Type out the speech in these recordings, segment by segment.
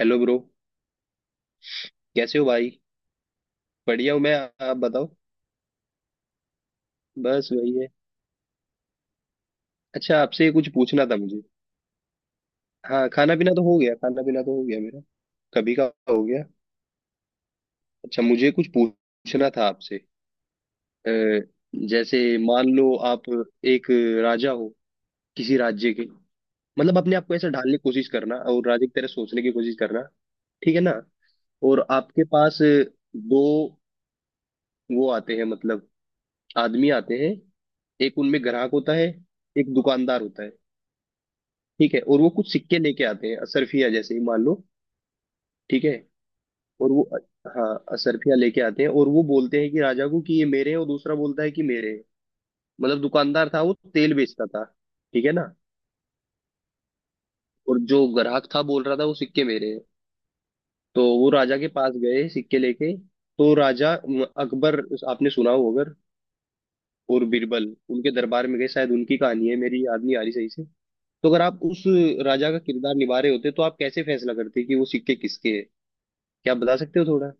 Hello bro. कैसे हो भाई? बढ़िया हूँ मैं। आप बताओ। बस वही है। अच्छा, आपसे कुछ पूछना था मुझे। हाँ, खाना पीना तो हो गया, खाना पीना तो हो गया मेरा, कभी का हो गया। अच्छा, मुझे कुछ पूछना था आपसे। अ, जैसे मान लो आप एक राजा हो किसी राज्य के। मतलब अपने आप को ऐसा ढालने की कोशिश करना और राजा की तरह सोचने की कोशिश करना। ठीक है ना? और आपके पास दो वो आते हैं, मतलब आदमी आते हैं। एक उनमें ग्राहक होता है, एक दुकानदार होता है। ठीक है। और वो कुछ सिक्के लेके आते हैं, असरफिया जैसे ही मान लो। ठीक है। और वो, हाँ, असरफिया लेके आते हैं और वो बोलते हैं कि राजा को कि ये मेरे हैं और दूसरा बोलता है कि मेरे हैं। मतलब दुकानदार था, वो तेल बेचता था। ठीक है ना? और जो ग्राहक था बोल रहा था वो सिक्के मेरे हैं। तो वो राजा के पास गए सिक्के लेके। तो राजा अकबर, आपने सुना हो अगर, और बीरबल उनके दरबार में गए, शायद उनकी कहानी है, मेरी याद नहीं आ रही सही से। तो अगर आप उस राजा का किरदार निभा रहे होते तो आप कैसे फैसला करते कि वो सिक्के किसके हैं? क्या आप बता सकते हो थोड़ा?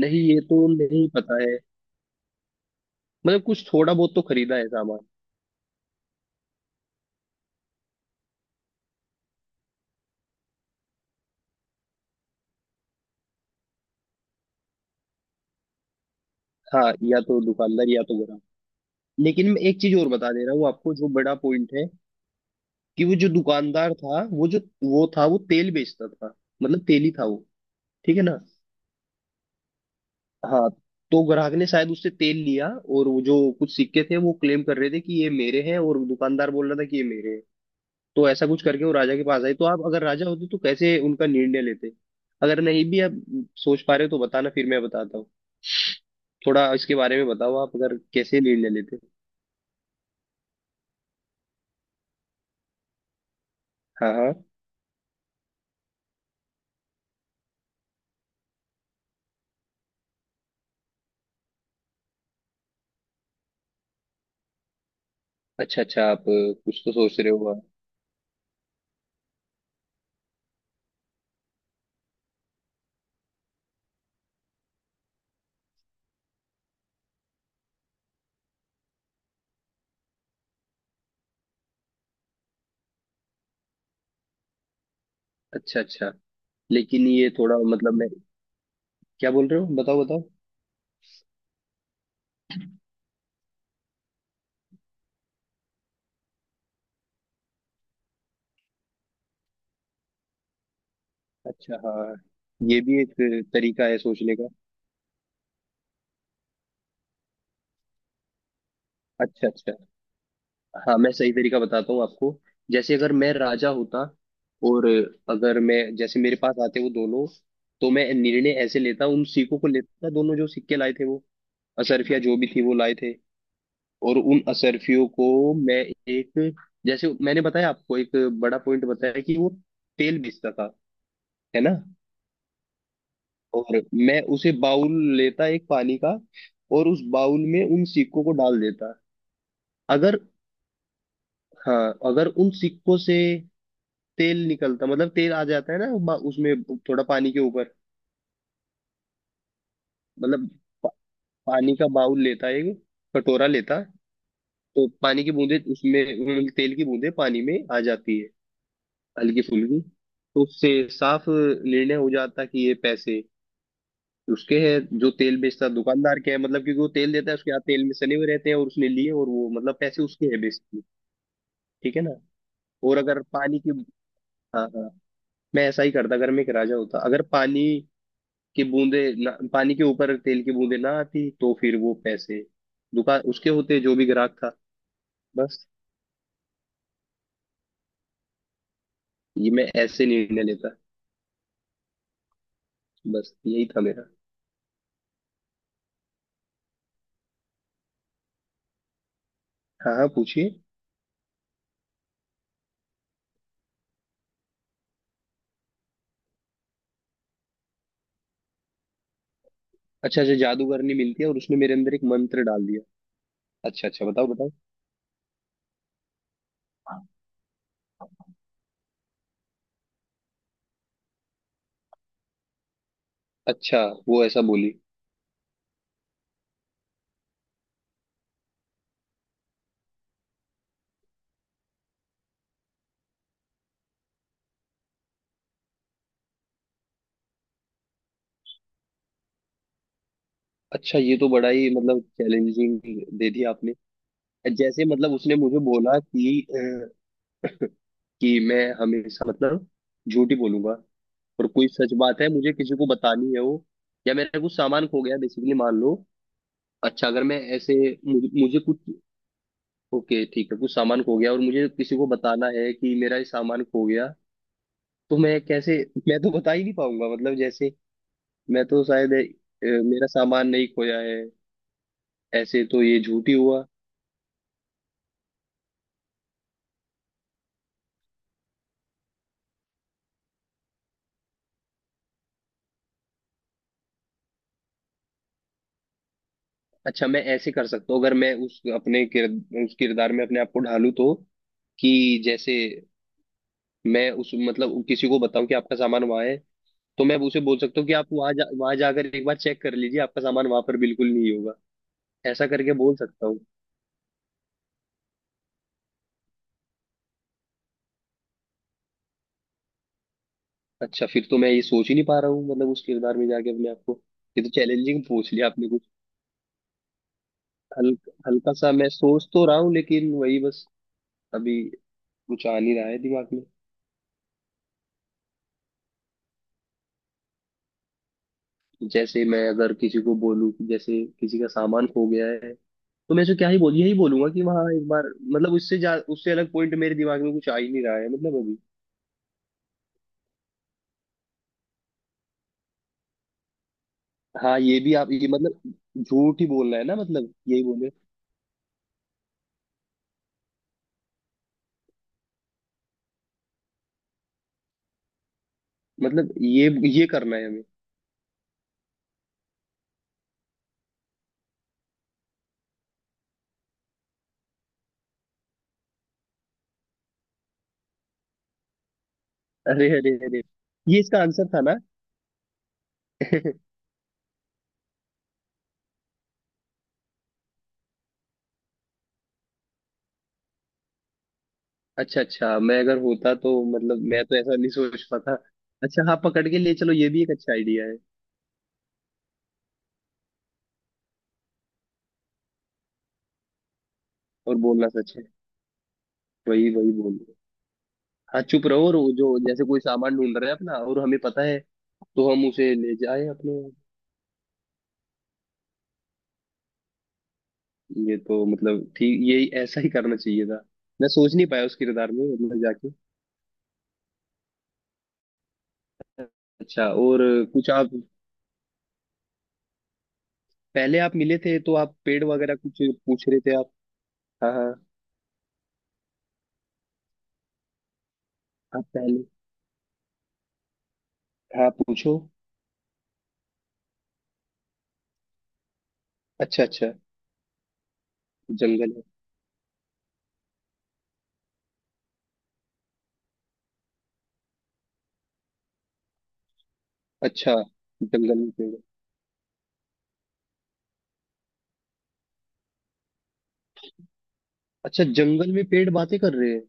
नहीं, ये तो नहीं पता है। मतलब कुछ थोड़ा बहुत तो खरीदा है सामान। हाँ, या तो दुकानदार या तो ग्राहक। लेकिन मैं एक चीज और बता दे रहा हूँ आपको जो बड़ा पॉइंट है, कि वो जो दुकानदार था, वो जो वो था वो तेल बेचता था। मतलब तेली था वो। ठीक है ना? हाँ, तो ग्राहक ने शायद उससे तेल लिया और वो जो कुछ सिक्के थे वो क्लेम कर रहे थे कि ये मेरे हैं और दुकानदार बोल रहा था कि ये मेरे हैं। तो ऐसा कुछ करके वो राजा के पास आई, तो आप अगर राजा होते तो कैसे उनका निर्णय लेते? अगर नहीं भी आप सोच पा रहे हो तो बताना, फिर मैं बताता हूँ। थोड़ा इसके बारे में बताओ आप, अगर कैसे निर्णय लेते। हाँ हाँ। अच्छा अच्छा, आप कुछ तो सोच रहे हो आप। अच्छा अच्छा। लेकिन ये थोड़ा मतलब मैं, क्या बोल रहे हो बताओ बताओ। अच्छा हाँ, ये भी एक तरीका है सोचने का। अच्छा अच्छा, हाँ मैं सही तरीका बताता हूँ आपको। जैसे अगर मैं राजा होता, और अगर मैं, जैसे मेरे पास आते वो दोनों, तो मैं निर्णय ऐसे लेता, उन सिक्कों को लेता दोनों जो सिक्के लाए थे वो, असरफिया जो भी थी वो लाए थे, और उन असरफियों को मैं एक, जैसे मैंने बताया आपको एक बड़ा पॉइंट बताया कि वो तेल बेचता था, है ना? और मैं उसे बाउल लेता एक पानी का, और उस बाउल में उन सिक्कों को डाल देता। अगर, हाँ अगर उन सिक्कों से तेल निकलता, मतलब तेल आ जाता है ना बा- उसमें, थोड़ा पानी के ऊपर। मतलब पानी का बाउल लेता है एक, कटोरा लेता है। तो पानी की बूंदे उसमें, मतलब तेल की बूंदे पानी में आ जाती है हल्की फुल्की। तो उससे साफ निर्णय हो जाता कि ये पैसे उसके हैं जो तेल बेचता है, दुकानदार के है मतलब, क्योंकि वो तेल देता है, उसके हाथ तेल में सने हुए रहते हैं और उसने लिए, और वो मतलब पैसे उसके हैं बेसिकली। ठीक है ना? और अगर पानी की, हाँ हाँ, मैं ऐसा ही करता अगर मैं एक राजा होता। अगर पानी कि बूंदे ना, पानी के ऊपर तेल की बूंदे ना आती, तो फिर वो पैसे दुकान उसके होते जो भी ग्राहक था। बस ये मैं ऐसे निर्णय लेता। बस यही था मेरा। हाँ हाँ, पूछिए। अच्छा अच्छा, जादूगरनी मिलती है और उसने मेरे अंदर एक मंत्र डाल दिया। अच्छा अच्छा, बताओ बताओ। अच्छा, वो ऐसा बोली। अच्छा ये तो बड़ा ही मतलब चैलेंजिंग दे दिया आपने। जैसे मतलब उसने मुझे बोला कि कि मैं हमेशा मतलब झूठी बोलूंगा, और कोई सच बात है मुझे किसी को बतानी है वो, या मेरा कुछ सामान खो गया बेसिकली मान लो। अच्छा अगर मैं ऐसे मुझे कुछ, ओके ठीक है, कुछ सामान खो गया और मुझे किसी को बताना है कि मेरा ये सामान खो गया, तो मैं कैसे? मैं तो बता ही नहीं पाऊंगा मतलब। जैसे मैं तो शायद मेरा सामान नहीं खोया है, ऐसे तो ये झूठ ही हुआ। अच्छा मैं ऐसे कर सकता हूँ, अगर मैं उस अपने उस किरदार में अपने आप को ढालूं तो, कि जैसे मैं उस मतलब किसी को बताऊं कि आपका सामान वहां है, तो मैं उसे बोल सकता हूँ कि आप वहां जा, वहां जाकर एक बार चेक कर लीजिए, आपका सामान वहां पर बिल्कुल नहीं होगा। ऐसा करके बोल सकता हूँ। अच्छा फिर तो मैं ये सोच ही नहीं पा रहा हूँ मतलब, उस किरदार में जाके अपने आप को। ये तो चैलेंजिंग पूछ लिया आपने कुछ। हल, हल्का सा मैं सोच तो रहा हूँ लेकिन वही बस, अभी कुछ आ नहीं रहा है दिमाग में। जैसे मैं अगर किसी को बोलूँ कि जैसे किसी का सामान खो गया है, तो मैं उसे क्या ही बोल, यही बोलूंगा कि वहां एक बार, मतलब उससे जा उससे अलग पॉइंट मेरे दिमाग में कुछ आ ही नहीं रहा है मतलब अभी। हाँ ये भी आप ये मतलब, झूठ ही बोलना है ना मतलब यही बोले। मतलब ये करना है हमें? अरे अरे अरे, ये इसका आंसर था ना! अच्छा अच्छा, मैं अगर होता तो मतलब मैं तो ऐसा नहीं सोच पाता। अच्छा हाँ, पकड़ के ले चलो, ये भी एक अच्छा आइडिया है। और बोलना सच है। वही वही बोल। हाँ चुप रहो, और वो जो जैसे कोई सामान ढूंढ रहा है अपना और हमें पता है, तो हम उसे ले जाए अपने। ये तो मतलब ठीक, यही ऐसा ही करना चाहिए था। मैं सोच नहीं पाया उस किरदार में मतलब जाके। अच्छा और कुछ आप, पहले आप मिले थे तो आप पेड़ वगैरह कुछ पूछ रहे थे आप। हाँ हाँ। आप पहले, हाँ पूछो। अच्छा अच्छा, जंगल है। अच्छा, जंगल में पेड़ है। अच्छा, जंगल में पेड़ बातें कर रहे हैं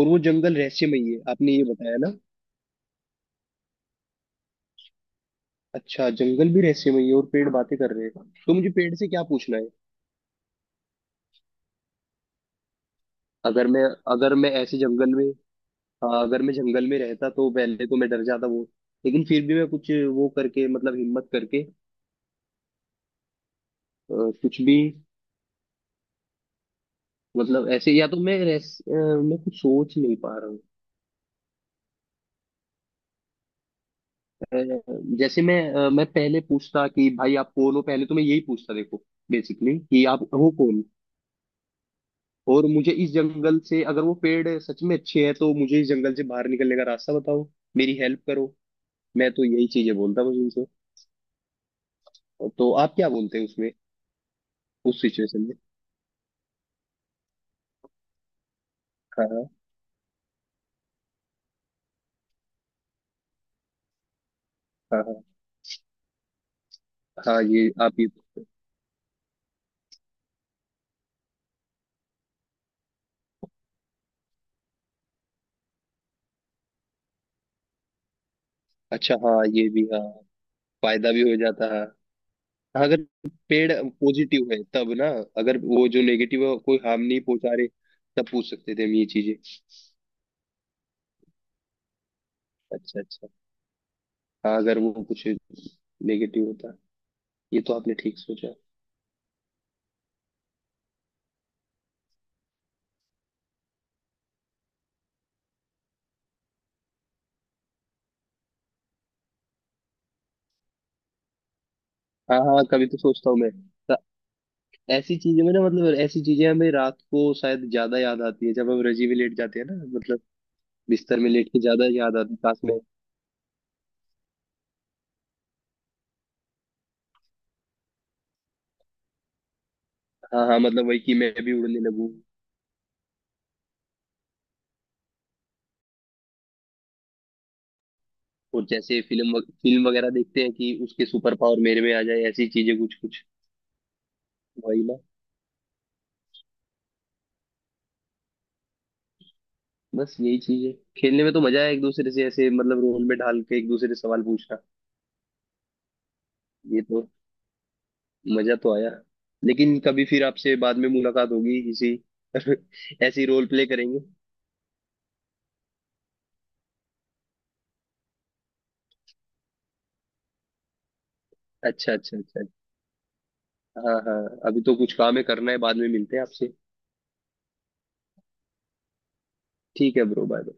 और वो जंगल रहस्यमयी है, आपने ये बताया ना? अच्छा, जंगल भी रहस्यमयी है और पेड़ बातें कर रहे हैं, तो मुझे पेड़ से क्या पूछना है? अगर मैं, अगर मैं ऐसे जंगल में, हाँ अगर मैं जंगल में रहता तो पहले तो मैं डर जाता वो, लेकिन फिर भी मैं कुछ वो करके मतलब हिम्मत करके, अ, कुछ भी, मतलब ऐसे या तो मैं कुछ सोच नहीं पा रहा हूँ। जैसे मैं पहले पूछता कि भाई आप कौन हो, पहले तो मैं यही पूछता देखो बेसिकली, कि आप हो कौन। और मुझे इस जंगल से, अगर वो पेड़ सच में अच्छे हैं तो मुझे इस जंगल से बाहर निकलने का रास्ता बताओ, मेरी हेल्प करो। मैं तो यही चीजें बोलता बस उनसे। तो आप क्या बोलते हैं उसमें, उस सिचुएशन में? हाँ हाँ हाँ हाँ। हाँ, ये आप ये। अच्छा हाँ, ये भी हाँ, फायदा भी हो जाता है। अगर पेड़ पॉजिटिव है तब ना, अगर वो जो नेगेटिव है, कोई हार्म नहीं पहुंचा रहे, तब पूछ सकते थे हम ये चीजें। अच्छा अच्छा, हाँ अगर वो कुछ नेगेटिव होता। ये तो आपने ठीक सोचा। हाँ हाँ, कभी तो सोचता हूँ मैं तो, ऐसी चीजें में ना मतलब, ऐसी चीजें हमें रात को शायद ज्यादा याद आती है जब हम रजी में लेट जाते हैं ना मतलब, बिस्तर में लेट के ज्यादा याद आती है पास में। हाँ हाँ मतलब वही, कि मैं भी उड़ने लगूं। और जैसे फिल्म फिल्म वगैरह देखते हैं कि उसके सुपर पावर मेरे में आ जाए, ऐसी चीजें कुछ कुछ, वही ना। बस यही चीज है, खेलने में तो मजा आया एक दूसरे से ऐसे मतलब रोल में ढाल के एक दूसरे से सवाल पूछना। ये तो मजा तो आया, लेकिन कभी फिर आपसे बाद में मुलाकात होगी किसी, ऐसी रोल प्ले करेंगे। अच्छा अच्छा अच्छा। हाँ हाँ, अभी तो कुछ काम है करना है, बाद में मिलते हैं आपसे। ठीक है ब्रो, बाय।